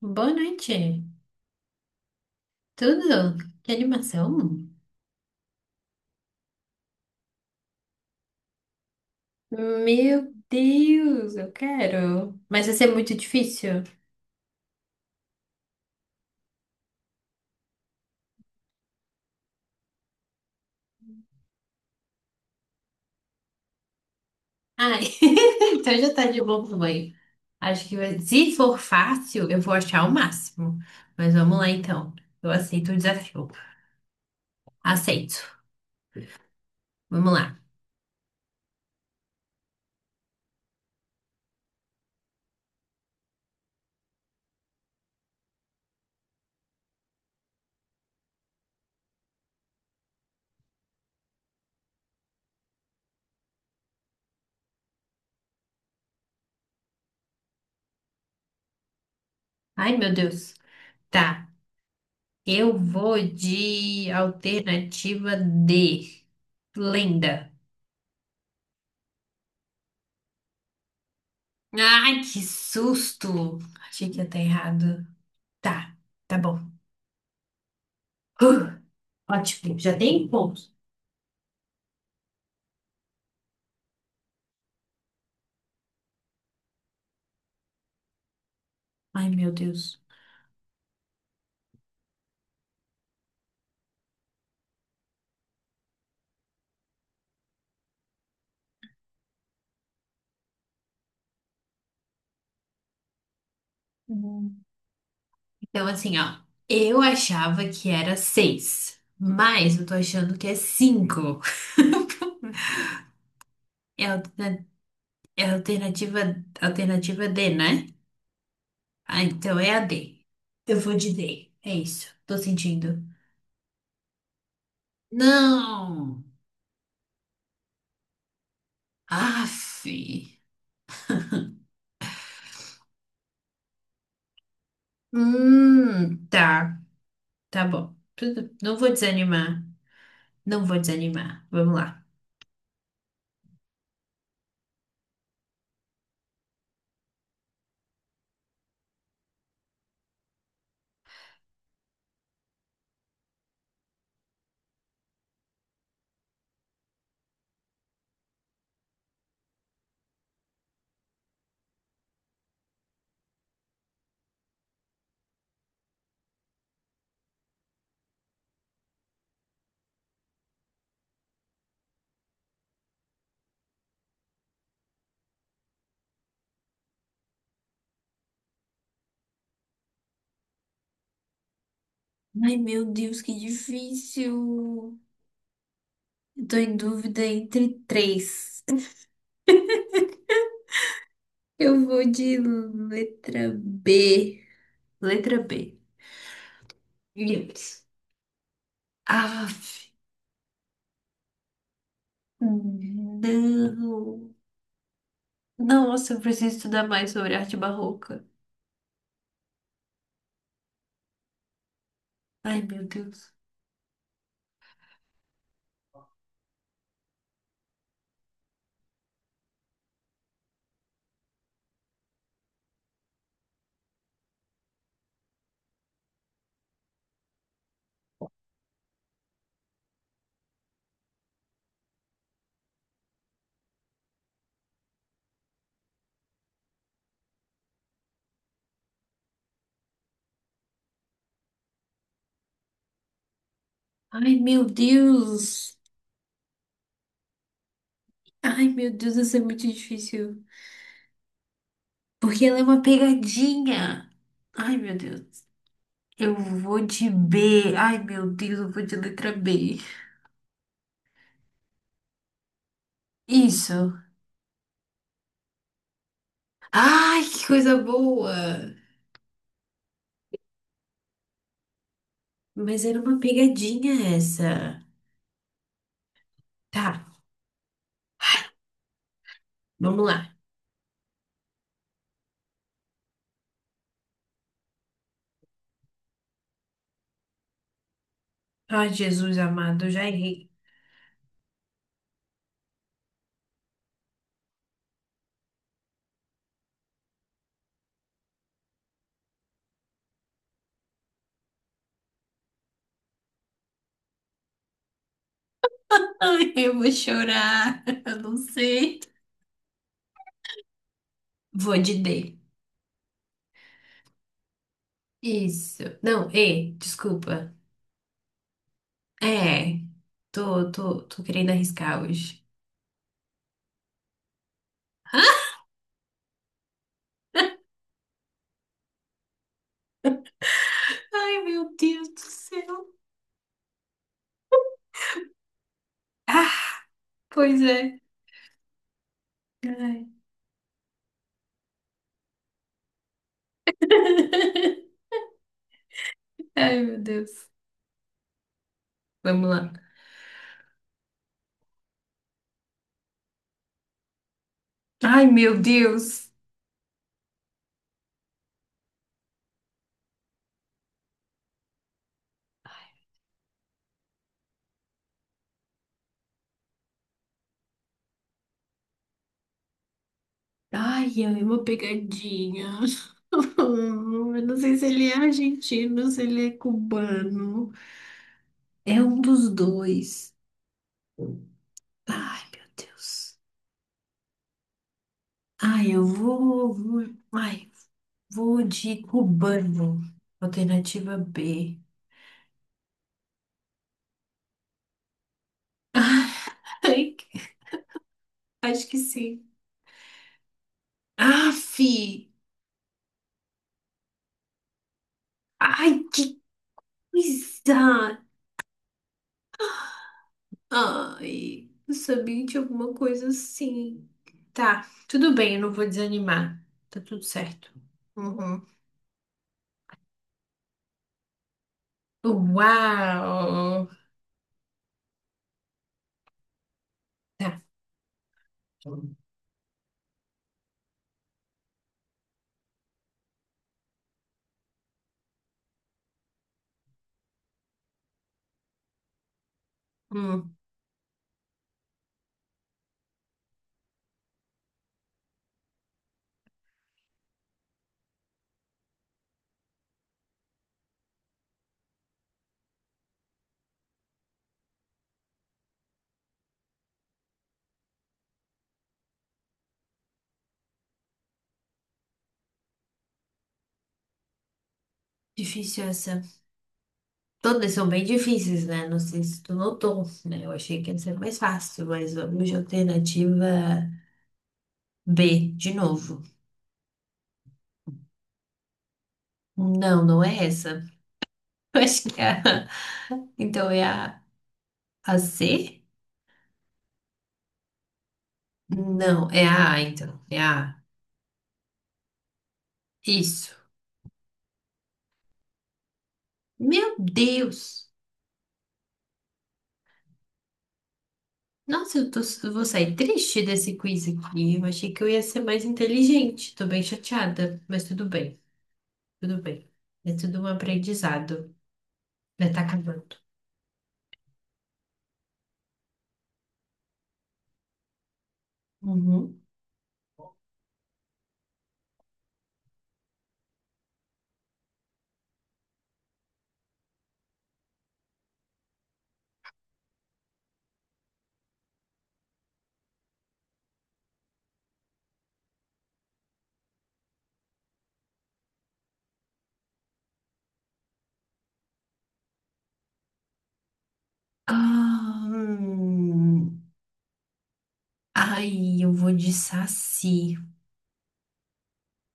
Boa noite. Tudo? Que animação? Meu Deus, eu quero. Mas vai ser muito difícil? Ai, então já tá de bom tamanho. Acho que se for fácil, eu vou achar o máximo. Mas vamos lá então. Eu aceito o desafio. Aceito. Vamos lá. Ai, meu Deus. Tá. Eu vou de alternativa D. Lenda. Ai, que susto! Achei que ia estar errado. Tá, tá bom. Uh, ótimo, já tem pontos. Ai, meu Deus. Uhum. Então, assim, ó. Eu achava que era seis, mas eu tô achando que é cinco. É a alterna- é a alternativa D, né? Ah, então é a D. Eu vou de D. É isso. Tô sentindo. Não! Aff. Tá. Tá bom. Tudo- Não vou desanimar. Não vou desanimar. Vamos lá. Ai, meu Deus, que difícil. Eu tô em dúvida entre três. Eu vou de letra B. Letra B. Yes. Ah, não. Nossa, eu preciso estudar mais sobre arte barroca. Ai, meu Deus. Ai, meu Deus. Ai, meu Deus, isso é muito difícil. Porque ela é uma pegadinha. Ai, meu Deus. Eu vou de B. Ai, meu Deus, eu vou de letra B. Isso. Ai, que coisa boa! Mas era uma pegadinha essa. Tá, vamos lá. Ai, Jesus amado, eu já errei. Ai, eu vou chorar. Eu não sei. Vou de D. Isso. Não, E, desculpa. É, tô querendo arriscar hoje. Ai, meu Deus do céu. Pois é. Ai, ai, meu Deus. Vamos lá. Ai, meu Deus. Ai, é uma pegadinha. Eu não sei se ele é argentino, se ele é cubano. É um dos dois. Ai, meu Deus. Ai, eu ai, vou de cubano. Alternativa B. Ai, acho que sim. Aff! Ai, que coisa! Ai, eu sabia de alguma coisa assim. Tá, tudo bem, eu não vou desanimar. Tá tudo certo. Uhum. Uau! Tá. Hum, difícil essa. Todas são bem difíceis, né? Não sei se tu notou, né? Eu achei que ia ser mais fácil, mas vamos de alternativa B, de novo. Não, não é essa. Eu acho que Então é a C? Não, é a A, então. É a A. Isso. Meu Deus! Nossa, eu vou sair triste desse quiz aqui. Eu achei que eu ia ser mais inteligente. Tô bem chateada, mas tudo bem. Tudo bem. É tudo um aprendizado, né? Tá acabando. Uhum. Ah. Ai, eu vou de saci.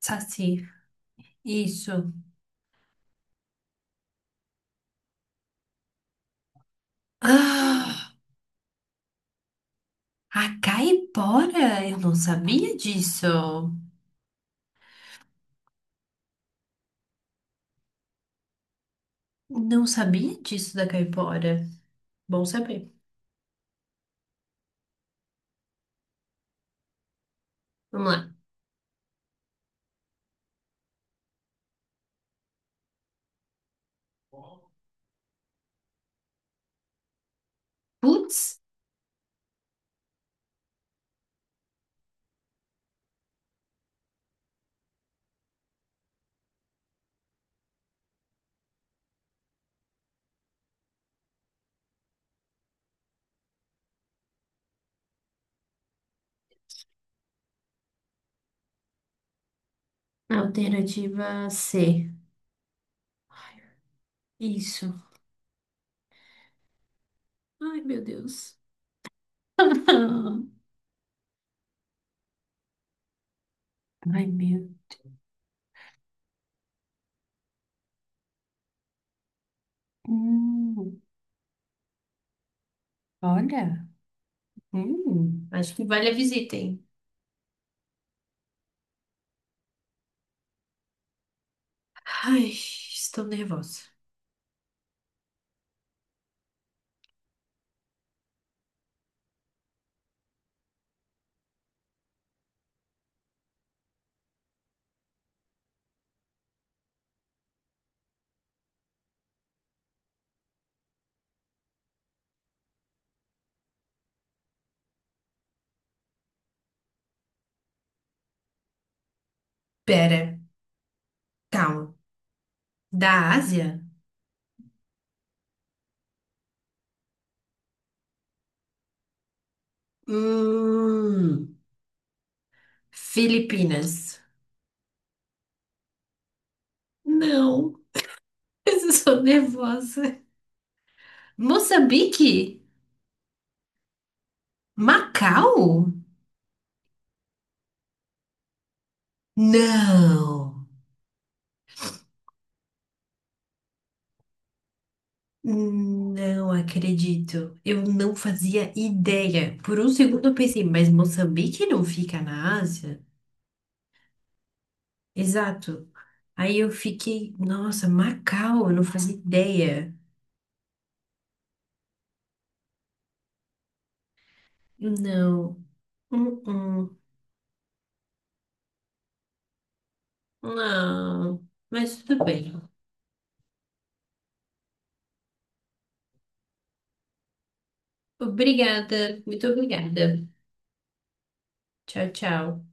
Saci, isso. Ah, a caipora? Eu não sabia disso. Não sabia disso da caipora. Bom saber. Vamos lá. Putz, alternativa C. Isso. Ai, meu Deus. Ai, meu. Hum, olha. Acho que vale a visita, hein? Ai, estou nervosa. Pera, calma. Da Ásia? Hum, Filipinas. Não, eu sou nervosa. Moçambique? Macau? Não. Não acredito. Eu não fazia ideia. Por um segundo eu pensei, mas Moçambique não fica na Ásia? Exato. Aí eu fiquei, nossa, Macau, eu não fazia ideia. Não. Uh-uh. Não. Mas tudo bem. Obrigada. Muito obrigada. Tchau, tchau.